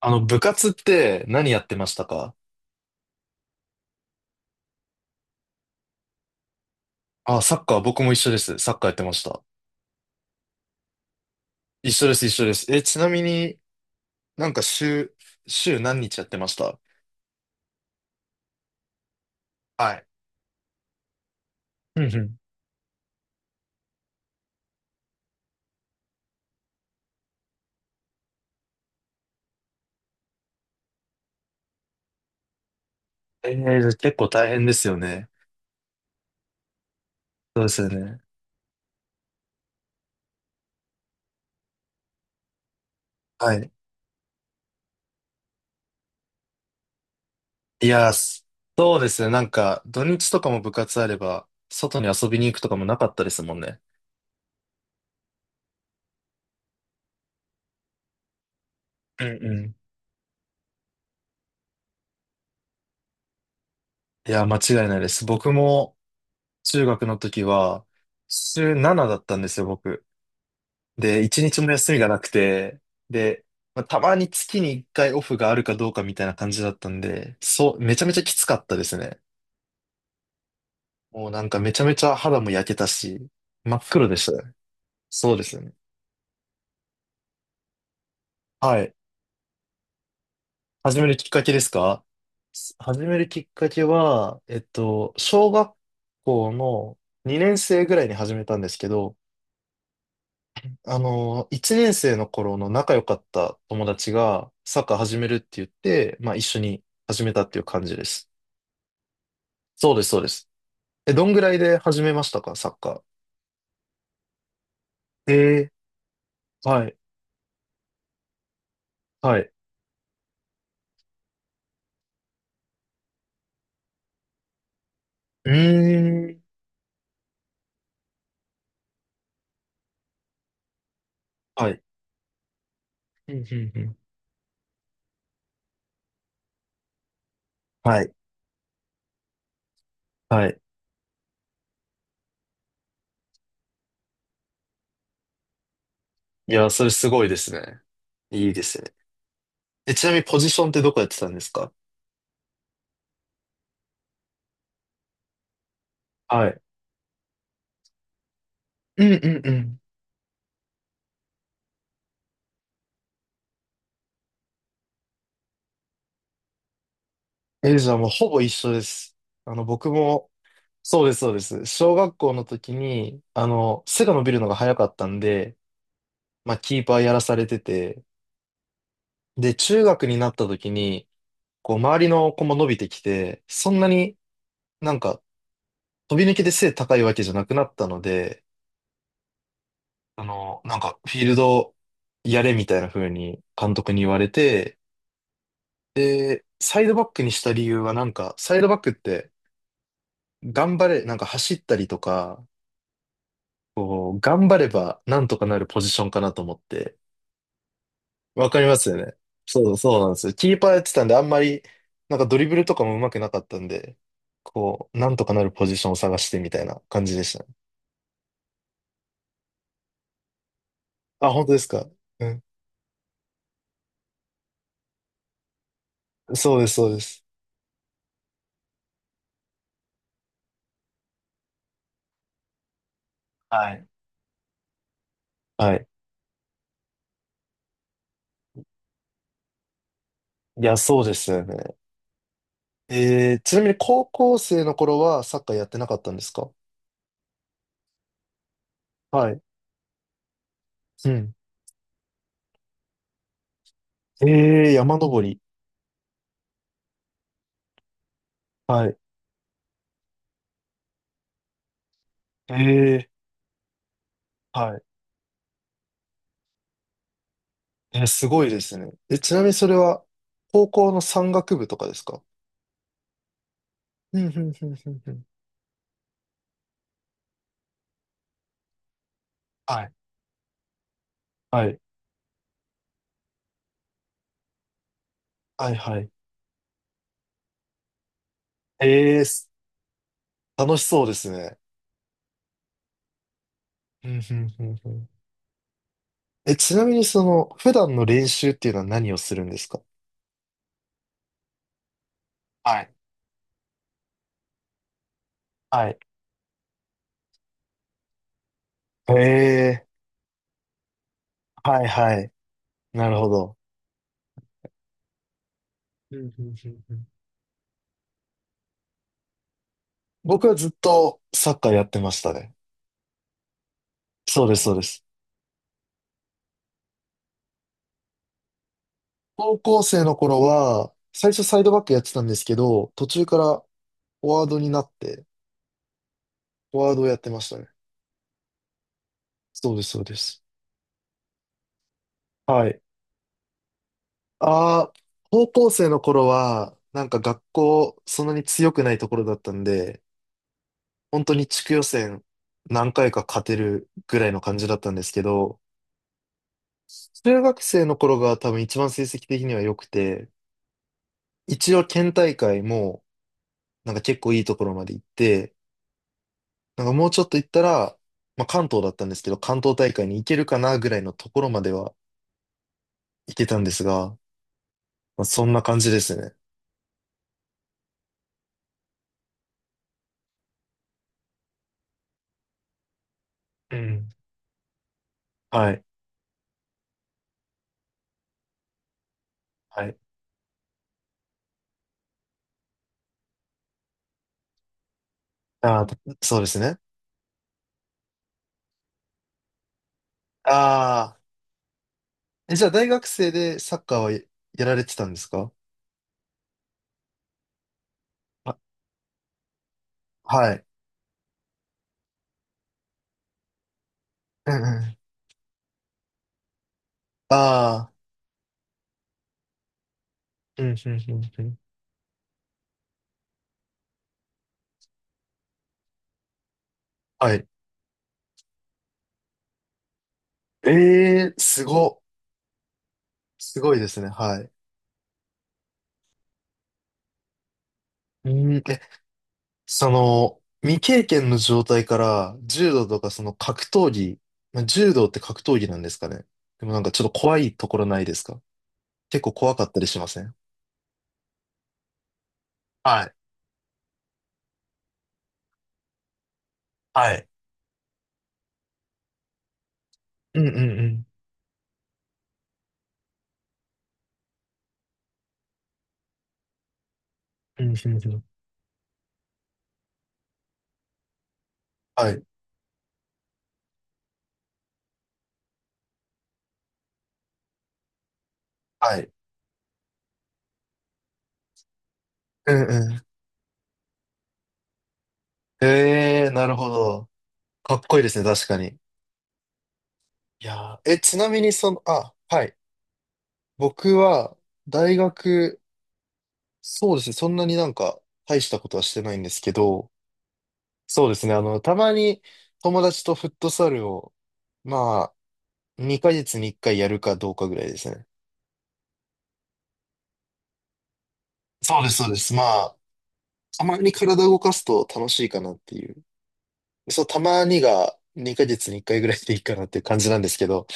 あの、部活って何やってましたか？あ、サッカー、僕も一緒です。サッカーやってました。一緒です、一緒です。え、ちなみになんか週何日やってました？はい。うんうん。えー、結構大変ですよね。そうですよね。はい。いやー、そうですね。なんか、土日とかも部活あれば、外に遊びに行くとかもなかったですもんね。うんうん。いやー、間違いないです。僕も中学の時は、週7だったんですよ、僕。で、一日も休みがなくて、で、まあ、たまに月に一回オフがあるかどうかみたいな感じだったんで、そう、めちゃめちゃきつかったですね。もうなんかめちゃめちゃ肌も焼けたし、真っ黒でしたね。そうですね。はい。始めるきっかけですか？始めるきっかけは、小学校の2年生ぐらいに始めたんですけど、あの、1年生の頃の仲良かった友達がサッカー始めるって言って、まあ一緒に始めたっていう感じです。そうです、そうです。え、どんぐらいで始めましたか、サッカー。えー、はい、はい。うーん、はい。うんうんうん。はい、はい。いや、それすごいですね。いいですね。え、ちなみにポジションってどこやってたんですか？はい。うんうんうん。え、じゃあもうほぼ一緒です。あの、僕も、そうです、そうです。小学校の時に、あの、背が伸びるのが早かったんで、まあ、キーパーやらされてて、で、中学になった時に、こう、周りの子も伸びてきて、そんなになんか飛び抜けて背高いわけじゃなくなったので、あの、なんか、フィールドやれみたいな風に監督に言われて、で、サイドバックにした理由はなんか、サイドバックって頑張れ、なんか走ったりとか、こう、頑張ればなんとかなるポジションかなと思って。わかりますよね。そう、そうなんですよ。キーパーやってたんで、あんまり、なんかドリブルとかも上手くなかったんで、こう、なんとかなるポジションを探してみたいな感じでしたね。あ、本当ですか。うん。そうです、そうです。はい。はい。いや、そうですよね。ちなみに高校生の頃はサッカーやってなかったんですか？はい。うん。えー、山登り。はい。えー、はい。えー、すごいですね。え、ちなみにそれは高校の山岳部とかですか？うん、うん、うん、うん。うん。はい。はい。はい、はい。えー、楽しそうですね。うん、うん、うん。うん。え、ちなみにその、普段の練習っていうのは何をするんですか？はい。はい。えー、はい、はい。なるほど。うんうんうんうん。僕はずっとサッカーやってましたね。そうです、そうです。高校生の頃は、最初サイドバックやってたんですけど、途中からフォワードになって、フォワードをやってましたね。そうです、そうです。はい。ああ、高校生の頃は、なんか学校、そんなに強くないところだったんで、本当に地区予選何回か勝てるぐらいの感じだったんですけど、中学生の頃が多分一番成績的には良くて、一応県大会も、なんか結構いいところまで行って、なんかもうちょっと行ったら、まあ、関東だったんですけど、関東大会に行けるかなぐらいのところまでは行けたんですが、まあ、そんな感じですね。うん。はい。はい。ああ、そうですね。ああ。え、じゃあ大学生でサッカーはやられてたんですか？あ、はい。うんうん。ああ。うんうんうんうん。はい。ええ、すご。すごいですね。はい。うん。え、その、未経験の状態から柔道とかその格闘技、まあ、柔道って格闘技なんですかね。でもなんかちょっと怖いところないですか？結構怖かったりしません？はい。はい。うんうんうん。うんうんうん。はい。はい。うんうん。ええー、なるほど。かっこいいですね、確かに。いやー、え、ちなみにその、あ、はい。僕は、大学、そうですね、そんなになんか、大したことはしてないんですけど、そうですね。あの、たまに友達とフットサルを、まあ、2ヶ月に1回やるかどうかぐらいですね。そうです、そうです。まあ、たまに体動かすと楽しいかなっていう。そう、たまにが2ヶ月に1回ぐらいでいいかなっていう感じなんですけど。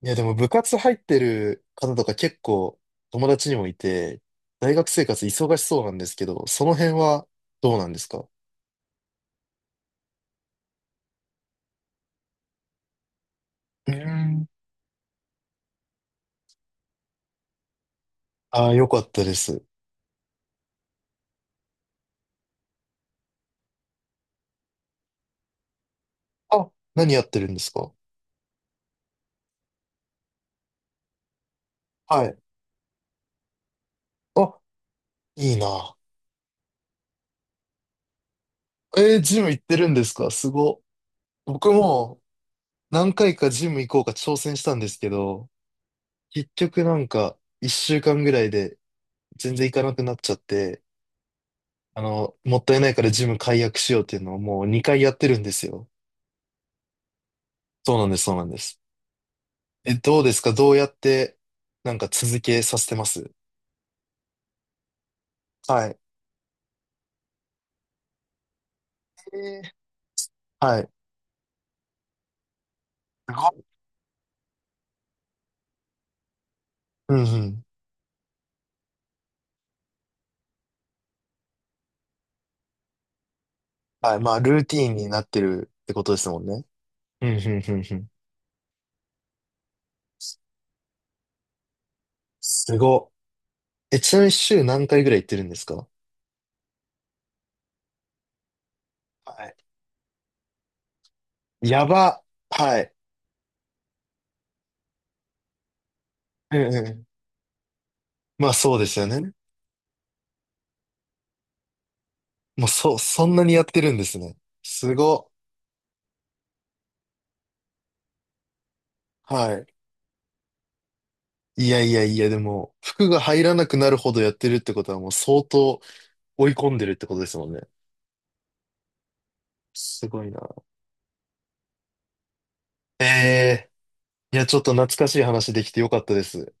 いや、でも部活入ってる方とか結構友達にもいて、大学生活忙しそうなんですけど、その辺はどうなんですか？うーん。ああ、よかったです。あ、何やってるんですか？はい。あ、いいな。えー、ジム行ってるんですか？すご。僕も何回かジム行こうか挑戦したんですけど、結局なんか一週間ぐらいで全然行かなくなっちゃって、あの、もったいないからジム解約しようっていうのをもう2回やってるんですよ。そうなんです、そうなんです。え、どうですか？どうやってなんか続けさせてます？はい。えー、はい。すごい。うんうん。はい。まあ、ルーティーンになってるってことですもんね。うんうんうんうん。すごっ。え、ちなみに週何回ぐらい行ってるんですか？はい。やば。はい。うんうん。まあそうですよね。もうそんなにやってるんですね。すご。はい。いやいやいや、でも、服が入らなくなるほどやってるってことはもう相当追い込んでるってことですもんね。すごいな。ええ、いや、ちょっと懐かしい話できてよかったです。